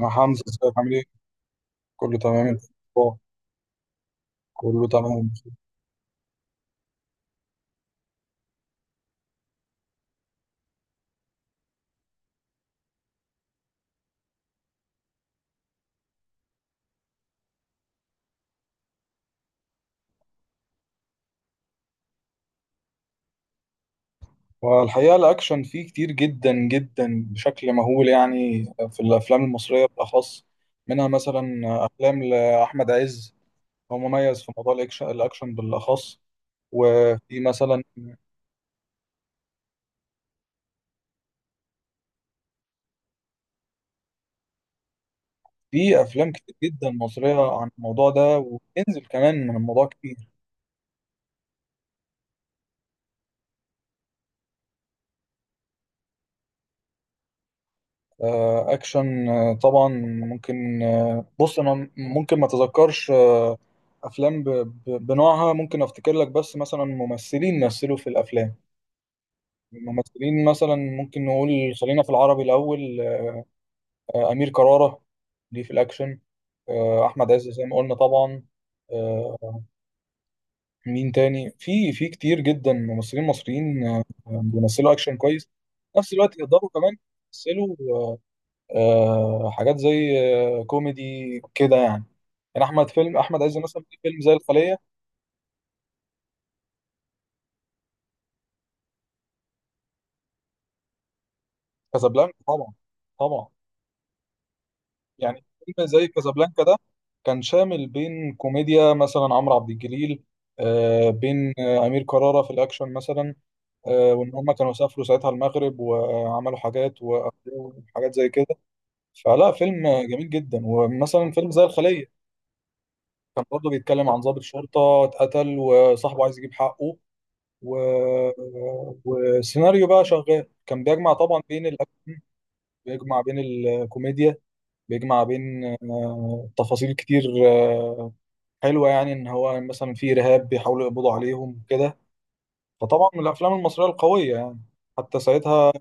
يا حمزة، ازيك؟ عامل ايه؟ كله تمام؟ انت اخبارك؟ كله تمام. والحقيقة الأكشن فيه كتير جدا جدا بشكل مهول يعني، في الأفلام المصرية بالأخص. منها مثلا أفلام لأحمد عز، هو مميز في موضوع الأكشن بالأخص. وفي مثلا في أفلام كتير جدا مصرية عن الموضوع ده، وبتنزل كمان من الموضوع كتير. اكشن، طبعا ممكن. بص انا ممكن ما اتذكرش، افلام بنوعها، ممكن افتكر لك. بس مثلا ممثلين مثلوا في الافلام، ممثلين مثلا ممكن نقول. خلينا في العربي الاول. امير كرارة ليه في الاكشن، احمد عز زي ما قلنا طبعا. آه، مين تاني؟ في كتير جدا ممثلين مصريين بيمثلوا اكشن كويس، في نفس الوقت يقدروا كمان يمثلوا حاجات زي كوميدي كده يعني. يعني احمد، فيلم احمد عز مثلا في فيلم زي الخليه. كازابلانكا طبعا، طبعا. يعني فيلم زي كازابلانكا ده كان شامل بين كوميديا مثلا عمرو عبد الجليل، بين امير كرارة في الاكشن مثلا. وان هم كانوا سافروا ساعتها المغرب وعملوا حاجات، وحاجات زي كده. فلا، فيلم جميل جدا. ومثلا فيلم زي الخليه كان برضه بيتكلم عن ضابط شرطه اتقتل وصاحبه عايز يجيب حقه. و... وسيناريو بقى شغال، كان بيجمع طبعا بين الأكشن، بيجمع بين الكوميديا، بيجمع بين تفاصيل كتير حلوة. يعني إن هو مثلا في إرهاب بيحاولوا يقبضوا عليهم كده، فطبعا من الأفلام المصرية القوية يعني حتى ساعتها.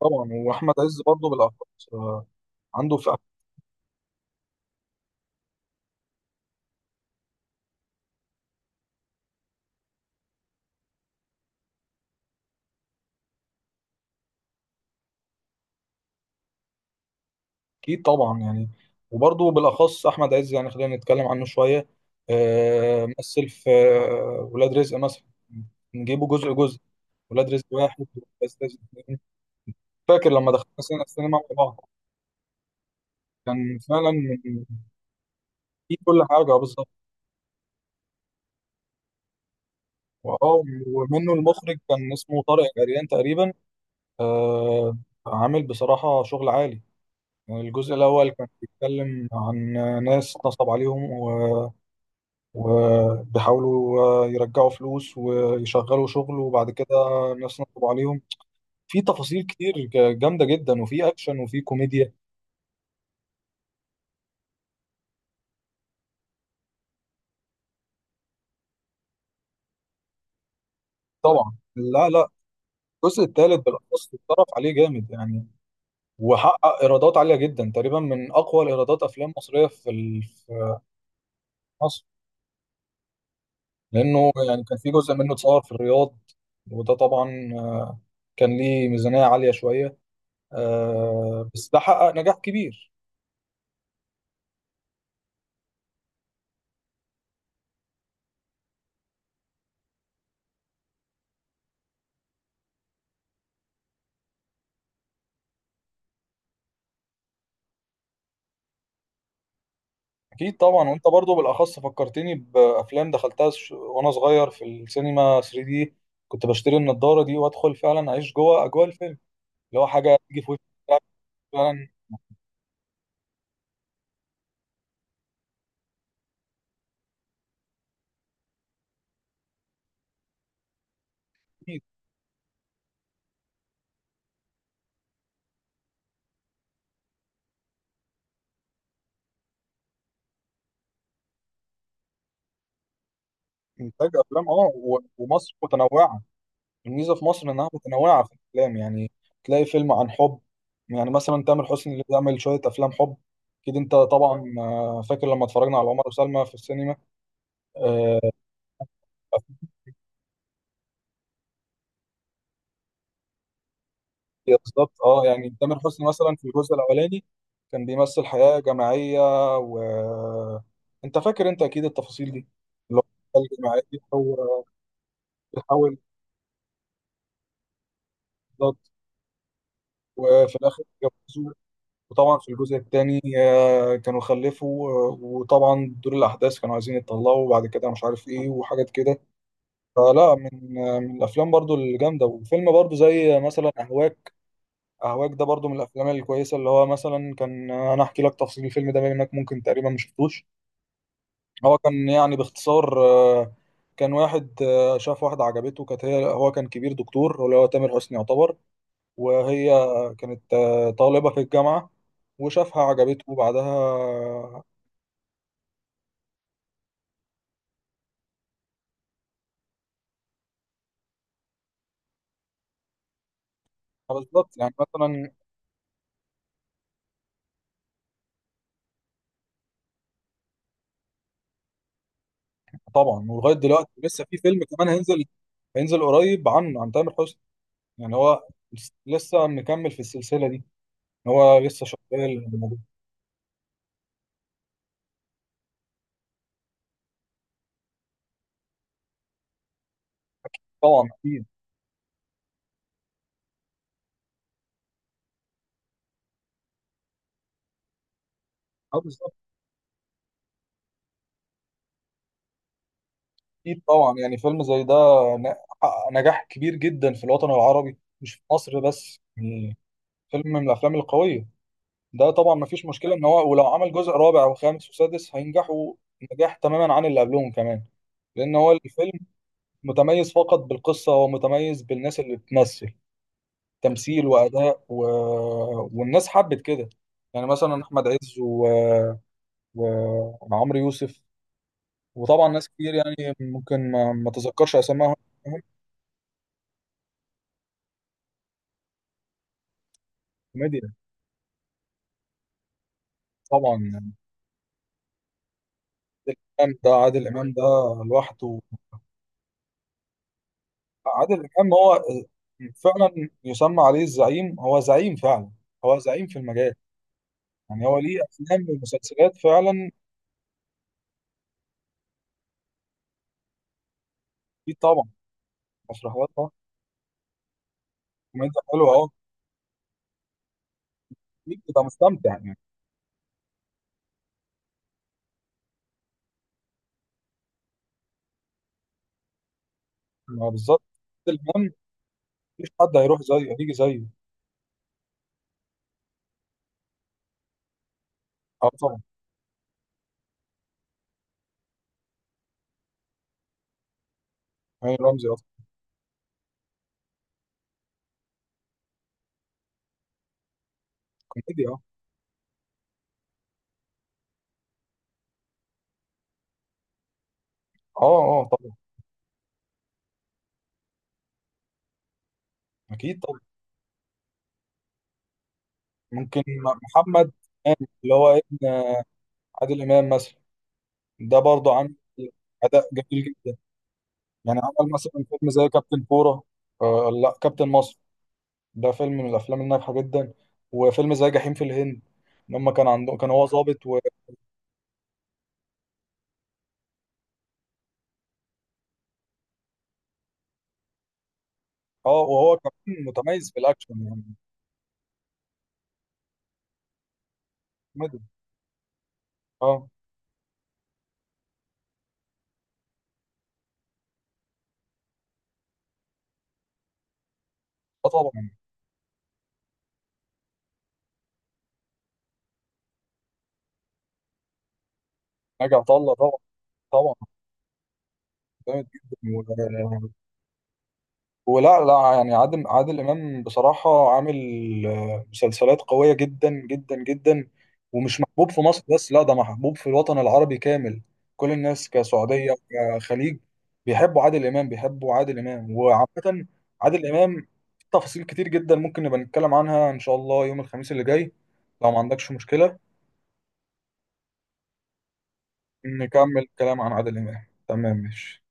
طبعا وأحمد عز برضه بالأخص آه، عنده. اكيد طبعا يعني. وبرضه بالاخص احمد عز، يعني خلينا نتكلم عنه شويه. مثل في ولاد رزق مثلا. نجيبه جزء جزء. ولاد رزق واحد، ولاد رزق اتنين. فاكر لما دخلنا السينما مع بعض؟ كان فعلا فيه كل حاجه بالظبط. واه، ومنه المخرج كان اسمه طارق العريان تقريبا. آه، عامل بصراحه شغل عالي. يعني الجزء الاول كان بيتكلم عن ناس نصب عليهم، وبيحاولوا يرجعوا فلوس ويشغلوا شغل. وبعد كده الناس نصب عليهم. في تفاصيل كتير جامدة جدا، وفي أكشن وفي كوميديا. طبعا. لا، لا، الجزء الثالث بالأخص اتصرف عليه جامد يعني، وحقق إيرادات عالية جدا، تقريبا من أقوى الإيرادات أفلام مصرية في في مصر. لأنه يعني كان في جزء منه اتصور في الرياض، وده طبعا كان ليه ميزانية عالية شوية. بس ده حقق نجاح كبير. اكيد طبعا. وانت برضو بالاخص فكرتني بافلام دخلتها وانا صغير في السينما 3D دي. كنت بشتري النضاره دي وادخل فعلا اعيش جوه اجواء الفيلم، اللي هو حاجه تيجي في وشك. فعلا، أكيد. انتاج افلام، اه، ومصر متنوعه. الميزه في مصر انها متنوعه في الافلام يعني. تلاقي فيلم عن حب، يعني مثلا تامر حسني اللي بيعمل شويه افلام حب. اكيد انت طبعا فاكر لما اتفرجنا على عمر وسلمى في السينما. آه، هي بالظبط، اه. يعني تامر حسني مثلا في الجزء الاولاني كان بيمثل حياه جماعيه، و انت فاكر، انت اكيد التفاصيل دي. اللي هو الجماعيه، هو بيحاول، بالظبط. وفي الاخر اتجوزوا. وطبعا في الجزء الثاني كانوا خلفوا وطبعا دور الاحداث كانوا عايزين يتطلقوا، وبعد كده مش عارف ايه وحاجات كده. فلا، من من الافلام برضو الجامده. وفيلم برضو زي مثلا اهواك. أهواك ده برضو من الأفلام الكويسة. اللي هو مثلا كان، أنا أحكي لك تفاصيل الفيلم ده بما إنك ممكن تقريبا ما شفتوش. هو كان يعني باختصار آه، كان واحد شاف واحدة عجبته. كانت هي، هو كان كبير دكتور اللي هو تامر حسني يعتبر. وهي كانت طالبة في الجامعة. وشافها عجبته، وبعدها بالظبط. يعني مثلا طبعا ولغاية دلوقتي لسه في فيلم كمان هينزل، هينزل قريب عنه، عن تامر حسني. يعني هو لسه مكمل في السلسلة دي، هو لسه شغال. طبعا، اكيد. اه، بالظبط. اكيد طبعا، يعني فيلم زي ده ن- حقق نجاح كبير جدا في الوطن العربي، مش في مصر بس يعني. فيلم من الافلام القويه ده طبعا. ما فيش مشكله ان هو ولو عمل جزء رابع وخامس وسادس هينجحوا نجاح تماما عن اللي قبلهم كمان. لان هو الفيلم متميز فقط بالقصه، هو متميز بالناس اللي بتمثل تمثيل واداء والناس حبت كده. يعني مثلا احمد عز وعمرو يوسف، وطبعا ناس كتير يعني ممكن ما تذكرش اسمائهم. كوميديا، طبعا. عادل امام ده، عادل امام ده لوحده. عادل امام هو فعلا يسمى عليه الزعيم، هو زعيم فعلا، هو زعيم في المجال. يعني هو ليه افلام ومسلسلات فعلا. اكيد طبعا، مسرحيات اه. كوميديا حلوه، اه، اكيد بتبقى مستمتع يعني. ما بالظبط. عادل امام مفيش حد هيروح زيه، هيجي زيه. اه طبعا، هاني رمزي اصلا. كوميديا، اه، اه، اه طبعا. اكيد طبعا. ممكن محمد إمام، اللي هو إيه؟ عادل امام مثلا. ده برضه عامل اداء جميل جدا. يعني عمل مثلا فيلم زي كابتن كوره، لا كابتن مصر، ده فيلم من الافلام الناجحه جدا. وفيلم زي جحيم في الهند، لما كان عنده، كان هو ظابط اه. وهو كمان متميز في الاكشن يعني. كوميدي، اه، اه، طبعا. ناجي عطا الله طبعا، طبعا، جامد جدا. ولا لا، يعني عادل إمام بصراحة عامل مسلسلات قوية جدا جدا جدا، ومش محبوب في مصر بس، لا، ده محبوب في الوطن العربي كامل. كل الناس، كسعودية، كخليج، بيحبوا عادل إمام، بيحبوا عادل إمام. وعامة عادل إمام في تفاصيل كتير جدا ممكن نبقى نتكلم عنها إن شاء الله يوم الخميس اللي جاي، لو ما عندكش مشكلة. نكمل الكلام عن عادل إمام. تمام، ماشي.